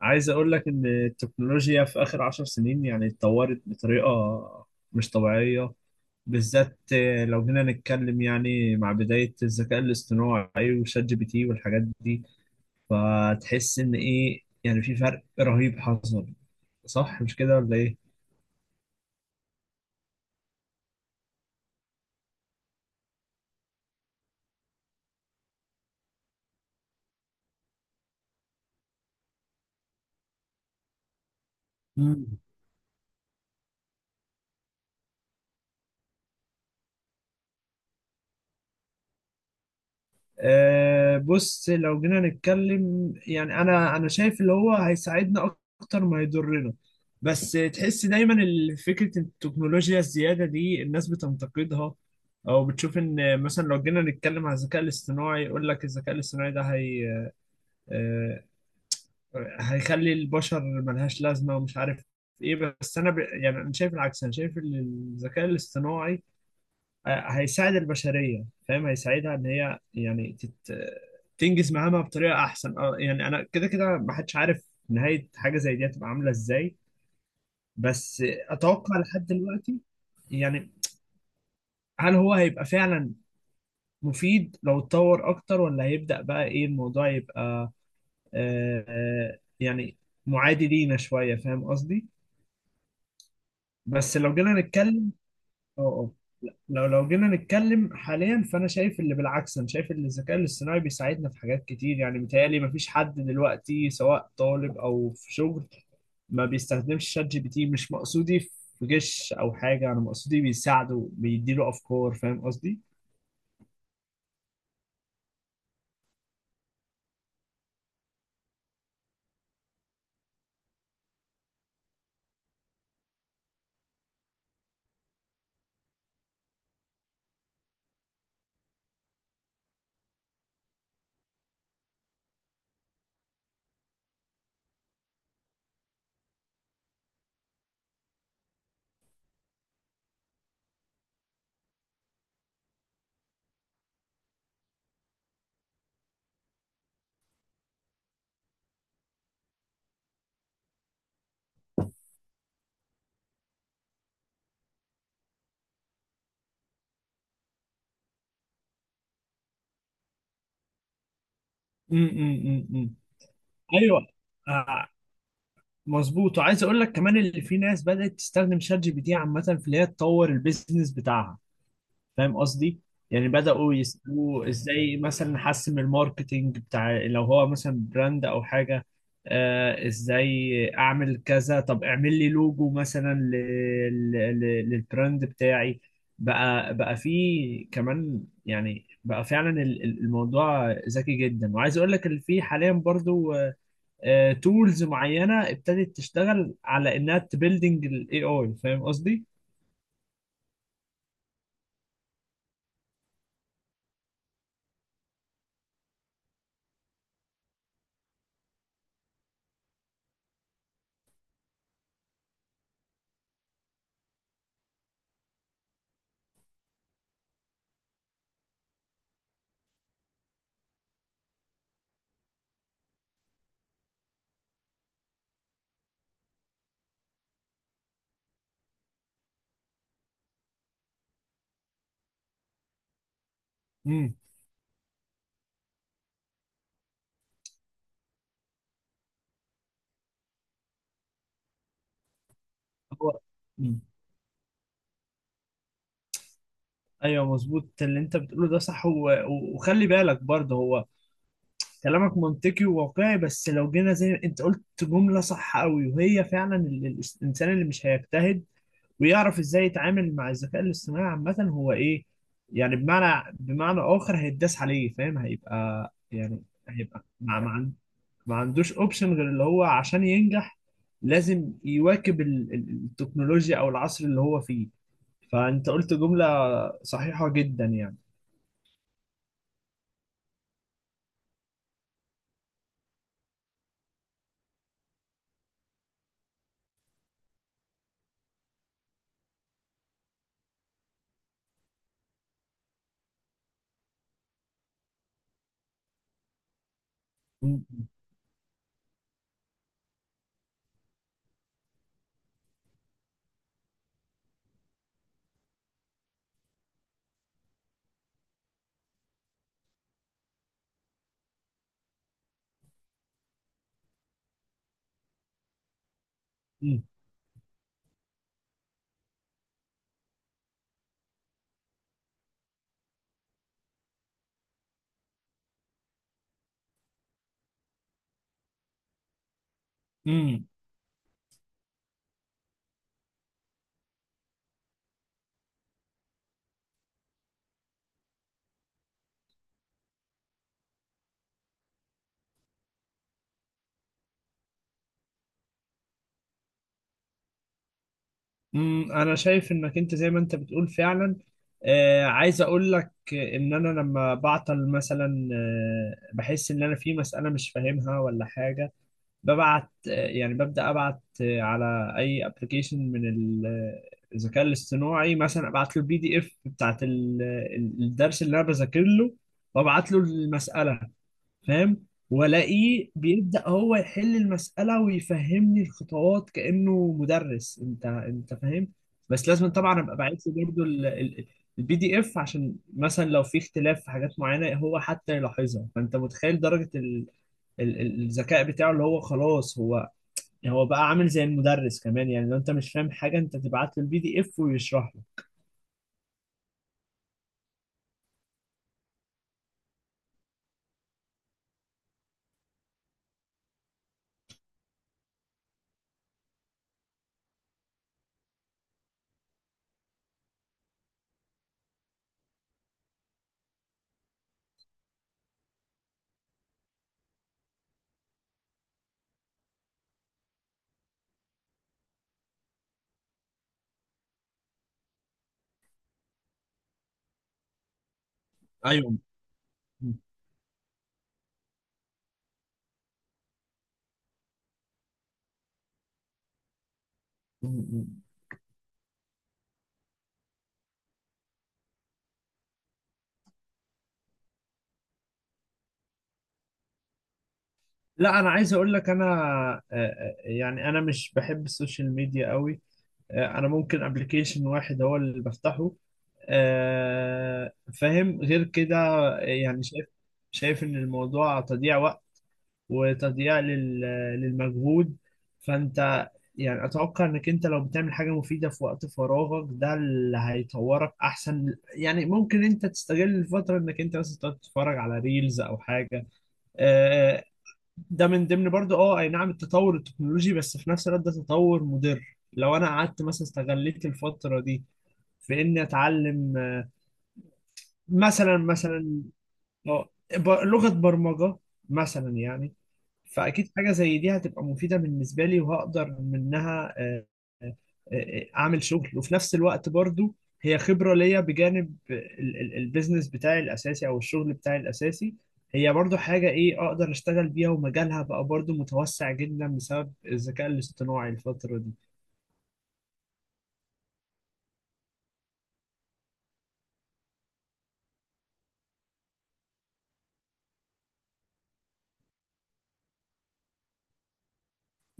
عايز اقول لك ان التكنولوجيا في اخر عشر سنين يعني اتطورت بطريقة مش طبيعية، بالذات لو جينا نتكلم يعني مع بداية الذكاء الاصطناعي وشات جي بي تي والحاجات دي. فتحس ان ايه، يعني في فرق رهيب حصل. صح مش كده ولا ايه؟ بص لو جينا نتكلم يعني انا شايف اللي هو هيساعدنا اكتر ما يضرنا. بس تحس دايما فكرة التكنولوجيا الزيادة دي الناس بتنتقدها، او بتشوف ان مثلا لو جينا نتكلم على الذكاء الاصطناعي، يقول لك الذكاء الاصطناعي ده هي آه، هيخلي البشر ملهاش لازمة ومش عارف ايه. بس انا يعني انا شايف العكس، انا شايف ان الذكاء الاصطناعي هيساعد البشرية، فاهم؟ هيساعدها ان هي يعني تنجز مهامها بطريقة احسن. اه يعني انا كده كده ما حدش عارف نهاية حاجة زي دي هتبقى عاملة ازاي. بس اتوقع لحد دلوقتي يعني، هل هو هيبقى فعلا مفيد لو اتطور اكتر، ولا هيبدأ بقى ايه الموضوع، يبقى يعني معادي لينا شوية، فاهم قصدي؟ بس لو جينا نتكلم اه اه لو جينا نتكلم حاليا. فانا شايف اللي بالعكس، انا شايف ان الذكاء الاصطناعي بيساعدنا في حاجات كتير. يعني متهيألي مفيش حد دلوقتي سواء طالب او في شغل ما بيستخدمش شات جي بي تي. مش مقصودي في جيش او حاجه، انا مقصودي بيساعده بيديله افكار، فاهم قصدي؟ أم أم أم أم. ايوه آه، مظبوط، وعايز اقول لك كمان اللي في ناس بدأت تستخدم شات جي بي تي عامه في اللي هي تطور البيزنس بتاعها، فاهم قصدي. يعني بدأوا يسألوه ازاي مثلا نحسن من الماركتينج بتاع، لو هو مثلا براند او حاجة. ازاي اعمل كذا، طب اعمل لي لوجو مثلا للبراند بتاعي. بقى في كمان، يعني بقى فعلا الموضوع ذكي جدا. وعايز اقول لك ان في حاليا برضو تولز معينة ابتدت تشتغل على انها تبيلدينج الاي اي، فاهم قصدي؟ امم هو ايوه مظبوط، اللي انت بتقوله ده صح. وخلي بالك برضه، هو كلامك منطقي وواقعي. بس لو جينا زي انت قلت جمله صح قوي، وهي فعلا الانسان اللي مش هيجتهد ويعرف ازاي يتعامل مع الذكاء الاصطناعي عامه هو ايه، يعني بمعنى اخر هيتداس عليه، فاهم؟ هيبقى يعني، هيبقى ما عندوش اوبشن. غير اللي هو عشان ينجح لازم يواكب التكنولوجيا او العصر اللي هو فيه. فانت قلت جمله صحيحه جدا يعني. مم. مم. مم. مم. انا شايف انك انت زي ما انت بتقول فعلا. عايز اقول لك ان انا لما بعطل مثلا، بحس ان انا في مسألة مش فاهمها ولا حاجة، ببعت يعني ببدأ ابعت على اي ابلكيشن من الذكاء الاصطناعي. مثلا ابعت له البي دي اف بتاعت الدرس اللي انا بذاكر له، وابعت له المسألة، فاهم؟ والاقيه بيبدأ هو يحل المسألة ويفهمني الخطوات كأنه مدرس، انت فاهم. بس لازم طبعا ابقى باعت له برضه البي دي اف، عشان مثلا لو في اختلاف في حاجات معينة هو حتى يلاحظها. فانت متخيل درجة الذكاء بتاعه، اللي هو خلاص هو بقى عامل زي المدرس كمان. يعني لو انت مش فاهم حاجة انت تبعت له البي دي اف ويشرح لك. ايوه. م- م- لا، انا عايز اقول لك انا يعني انا مش بحب السوشيال ميديا قوي. انا ممكن ابلكيشن واحد هو اللي بفتحه. آه، فاهم؟ غير كده يعني شايف ان الموضوع تضييع وقت وتضييع للمجهود. فانت يعني اتوقع انك انت لو بتعمل حاجة مفيدة في وقت فراغك، ده اللي هيطورك احسن. يعني ممكن انت تستغل الفترة انك انت مثلا تقعد تتفرج على ريلز او حاجة. آه، ده من ضمن برضه اي نعم التطور التكنولوجي، بس في نفس الوقت ده تطور مضر لو انا قعدت مثلا استغليت الفترة دي في اني اتعلم مثلا، مثلا اه لغة برمجة مثلا يعني. فأكيد حاجة زي دي هتبقى مفيدة بالنسبة لي، وهقدر منها آه، أعمل شغل. وفي نفس الوقت برضو، هي خبرة ليا بجانب البيزنس بتاعي الأساسي أو الشغل بتاعي الأساسي. هي برضو حاجة إيه أقدر أشتغل بيها، ومجالها بقى برضو متوسع جدا بسبب الذكاء الاصطناعي الفترة دي.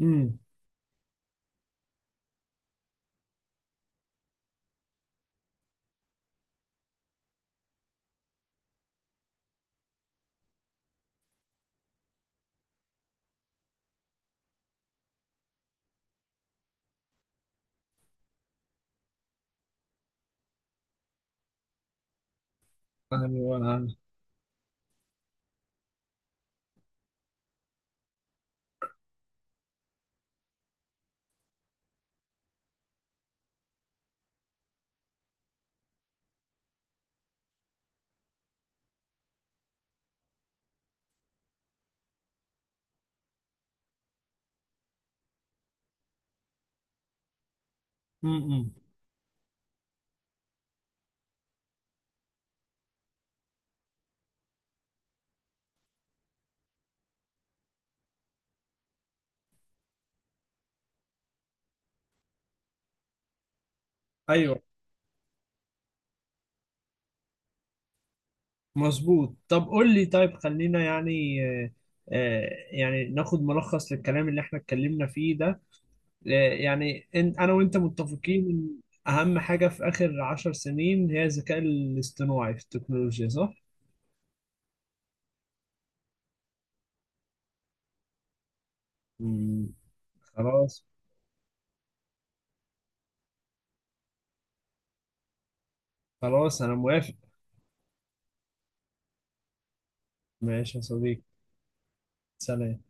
امم أنا- أنا- أمم. أيوه مظبوط. طب قول لي، طيب خلينا يعني، يعني ناخد ملخص للكلام اللي احنا اتكلمنا فيه ده. يعني انا وانت متفقين ان اهم حاجة في اخر عشر سنين هي الذكاء الاصطناعي في التكنولوجيا، صح؟ مم. خلاص. خلاص انا موافق. ماشي يا صديقي، سلام.